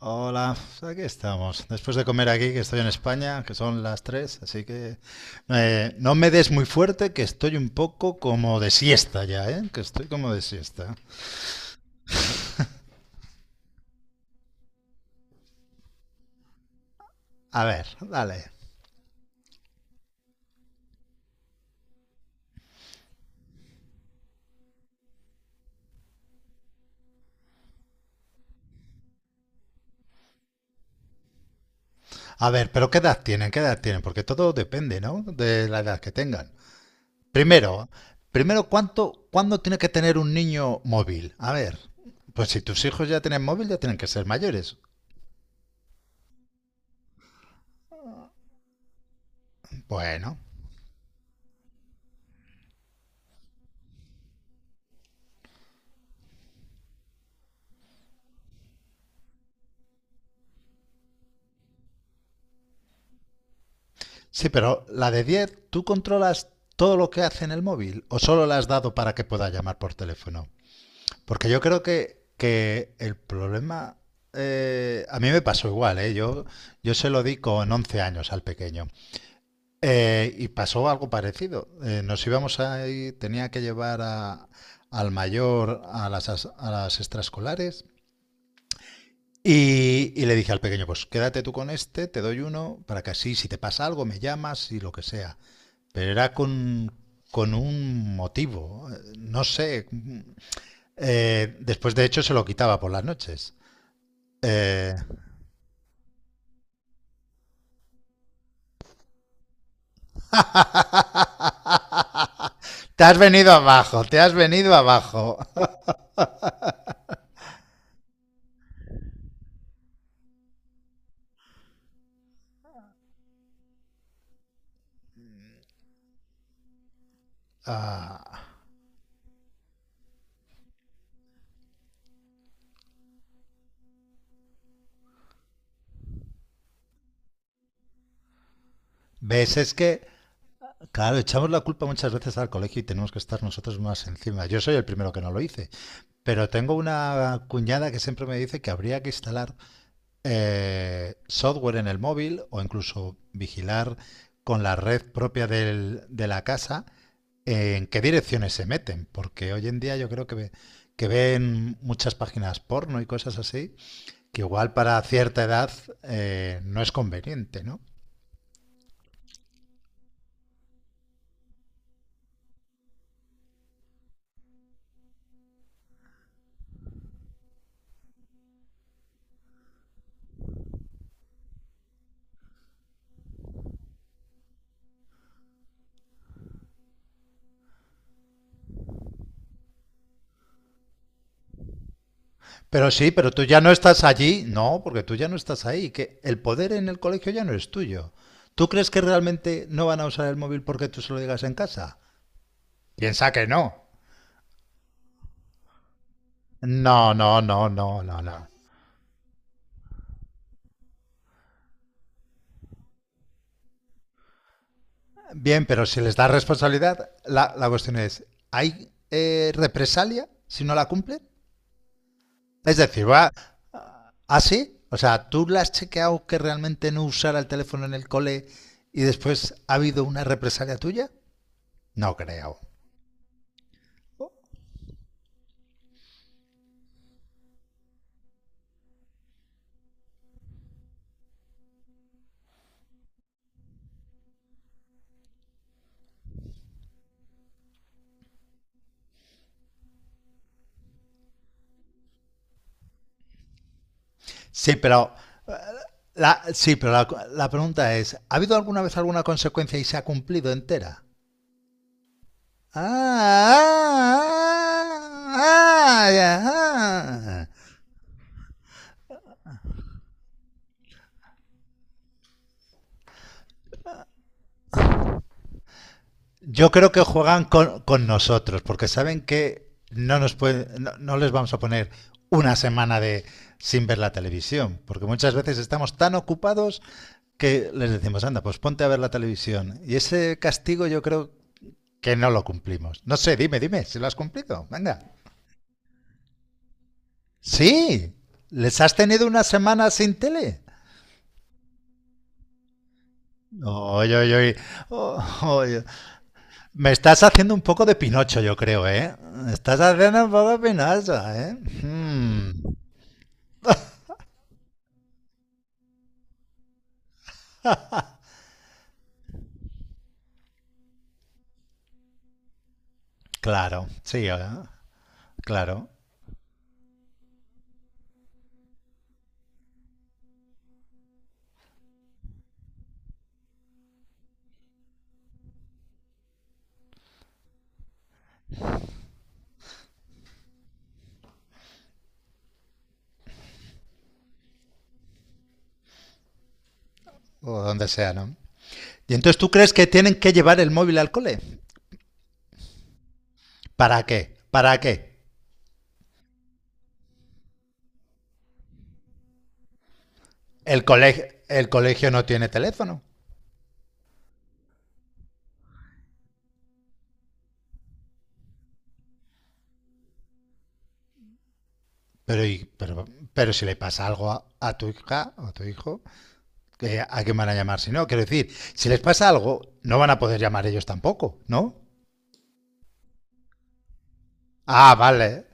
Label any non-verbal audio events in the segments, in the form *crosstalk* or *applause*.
Hola, aquí estamos. Después de comer aquí, que estoy en España, que son las 3, así que no me des muy fuerte, que estoy un poco como de siesta ya, ¿eh? Que estoy como de siesta. A ver, dale. A ver, pero ¿qué edad tienen? ¿Qué edad tienen? Porque todo depende, ¿no? De la edad que tengan. Primero, primero, ¿cuándo tiene que tener un niño móvil? A ver, pues si tus hijos ya tienen móvil, ya tienen que ser mayores. Bueno, sí, pero la de 10, ¿tú controlas todo lo que hace en el móvil o solo la has dado para que pueda llamar por teléfono? Porque yo creo que el problema. A mí me pasó igual, ¿eh? Yo se lo di con 11 años al pequeño. Y pasó algo parecido. Nos íbamos ahí, tenía que al mayor a a las extraescolares. Y le dije al pequeño, pues quédate tú con este, te doy uno, para que así, si te pasa algo, me llamas y lo que sea, pero era con un motivo. No sé. Después, de hecho, se lo quitaba por las noches. *laughs* Te has venido abajo, te has venido abajo. *laughs* ¿Ves? Es que, claro, echamos la culpa muchas veces al colegio y tenemos que estar nosotros más encima. Yo soy el primero que no lo hice. Pero tengo una cuñada que siempre me dice que habría que instalar software en el móvil o incluso vigilar con la red propia de la casa, en qué direcciones se meten, porque hoy en día yo creo que ven muchas páginas porno y cosas así, que igual para cierta edad no es conveniente, ¿no? Pero sí, pero tú ya no estás allí, no, porque tú ya no estás ahí, que el poder en el colegio ya no es tuyo. ¿Tú crees que realmente no van a usar el móvil porque tú se lo digas en casa? Piensa que no. No, no, no, no, no, no. Bien, pero si les da responsabilidad, la cuestión es, ¿hay represalia si no la cumplen? Es decir, va así, o sea, ¿tú la has chequeado que realmente no usara el teléfono en el cole y después ha habido una represalia tuya? No creo. Sí, pero sí, pero la pregunta es, ¿ha habido alguna vez alguna consecuencia y se ha cumplido entera? Ah, ah, ah, ah, ah. Yo creo que juegan con nosotros, porque saben que no, nos pueden, no, no les vamos a poner una semana de, sin ver la televisión, porque muchas veces estamos tan ocupados que les decimos, anda, pues ponte a ver la televisión. Y ese castigo yo creo que no lo cumplimos. No sé, dime, dime, si lo has cumplido. Venga. Sí, les has tenido una semana sin tele. Oye, oye, oye. Me estás haciendo un poco de Pinocho, yo creo, ¿eh? Me estás haciendo un poco de Pinocho, ¿eh? Hmm, claro, sí, ¿eh? Claro. O donde sea, ¿no? Y entonces tú crees que tienen que llevar el móvil al cole. ¿Para qué? ¿Para qué? El colegio no tiene teléfono. Pero, y- pero, pero si le pasa algo a tu hija o a tu hijo, ¿qué- ¿a quién van a llamar si no? Quiero decir, si les pasa algo, no van a poder llamar ellos tampoco, ¿no? Ah, vale.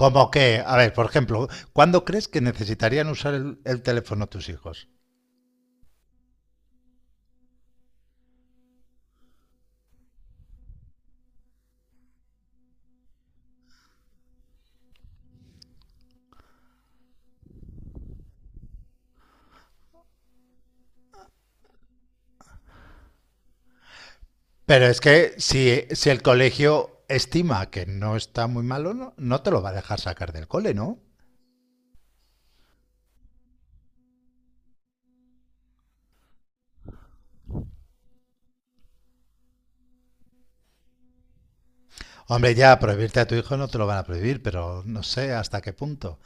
Como que, a ver, por ejemplo, ¿cuándo crees que necesitarían usar el teléfono tus hijos? Pero es que si, si el colegio estima que no está muy malo, no, no te lo va a dejar sacar del cole, ¿no? Hombre, ya prohibirte a tu hijo no te lo van a prohibir, pero no sé hasta qué punto.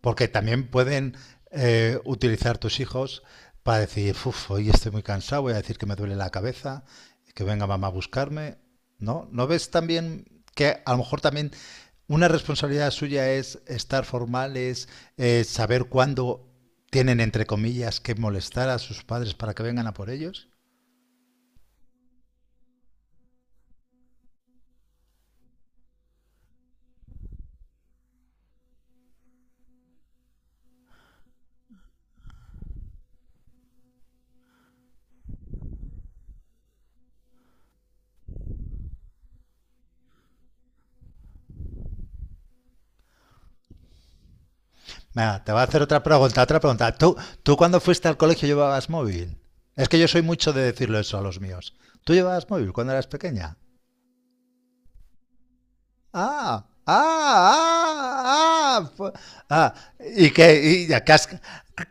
Porque también pueden utilizar tus hijos para decir, uff, hoy estoy muy cansado, voy a decir que me duele la cabeza, que venga mamá a buscarme. ¿No? ¿No ves también que a lo mejor también una responsabilidad suya es estar formales, saber cuándo tienen, entre comillas, que molestar a sus padres para que vengan a por ellos? Venga, te voy a hacer otra pregunta, otra pregunta. ¿Tú, tú cuando fuiste al colegio llevabas móvil? Es que yo soy mucho de decirlo eso a los míos. ¿Tú llevabas móvil cuando eras pequeña? Ah, ah, ah, ah, ah. Y que, y ya que has-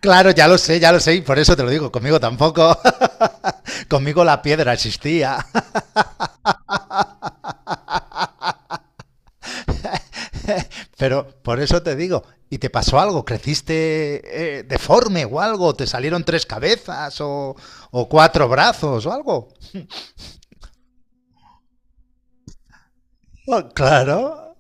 Claro, ya lo sé, y por eso te lo digo, conmigo tampoco. *laughs* Conmigo la piedra existía, *laughs* pero por eso te digo, ¿y te pasó algo? ¿Creciste deforme o algo? ¿Te salieron tres cabezas o cuatro brazos o algo? Bueno, claro,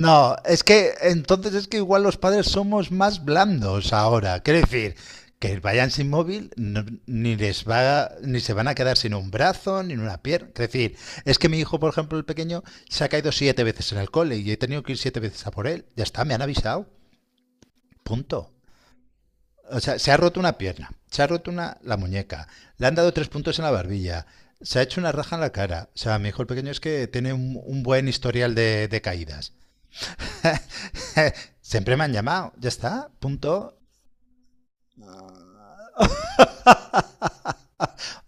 no, es que entonces es que igual los padres somos más blandos ahora. Quiero decir, que vayan sin móvil, ni les va, ni se van a quedar sin un brazo, ni una pierna. Quiero decir, es que mi hijo, por ejemplo, el pequeño, se ha caído siete veces en el cole y he tenido que ir siete veces a por él. Ya está, me han avisado. Punto. O sea, se ha roto una pierna, se ha roto una, la muñeca, le han dado tres puntos en la barbilla, se ha hecho una raja en la cara. O sea, mi hijo el pequeño es que tiene un buen historial de caídas. *laughs* Siempre me han llamado, ya está, punto. *laughs*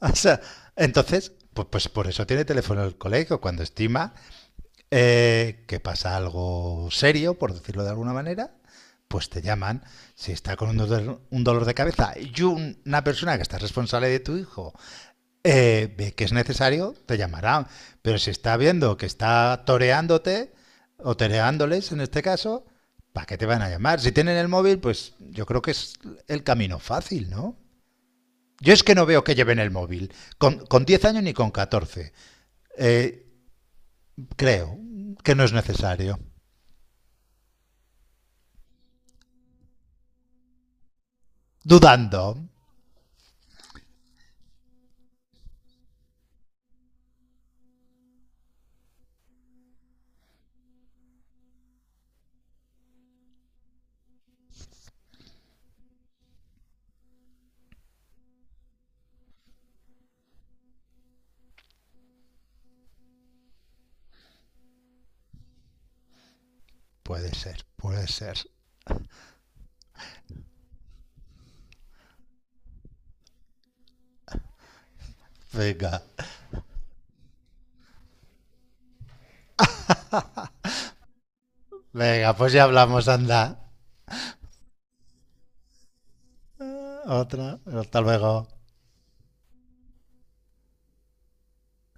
O sea, entonces, pues, pues por eso tiene teléfono el colegio, cuando estima que pasa algo serio, por decirlo de alguna manera, pues te llaman. Si está con un dolor de cabeza y una persona que está responsable de tu hijo ve que es necesario, te llamarán. Pero si está viendo que está toreándote, o toreándoles en este caso, ¿para qué te van a llamar? Si tienen el móvil, pues yo creo que es el camino fácil, ¿no? Yo es que no veo que lleven el móvil, con 10 años ni con 14. Eh, Creo que no es necesario. Dudando. Puede ser, puede ser. Venga, venga, pues ya hablamos, anda. Otra, hasta luego.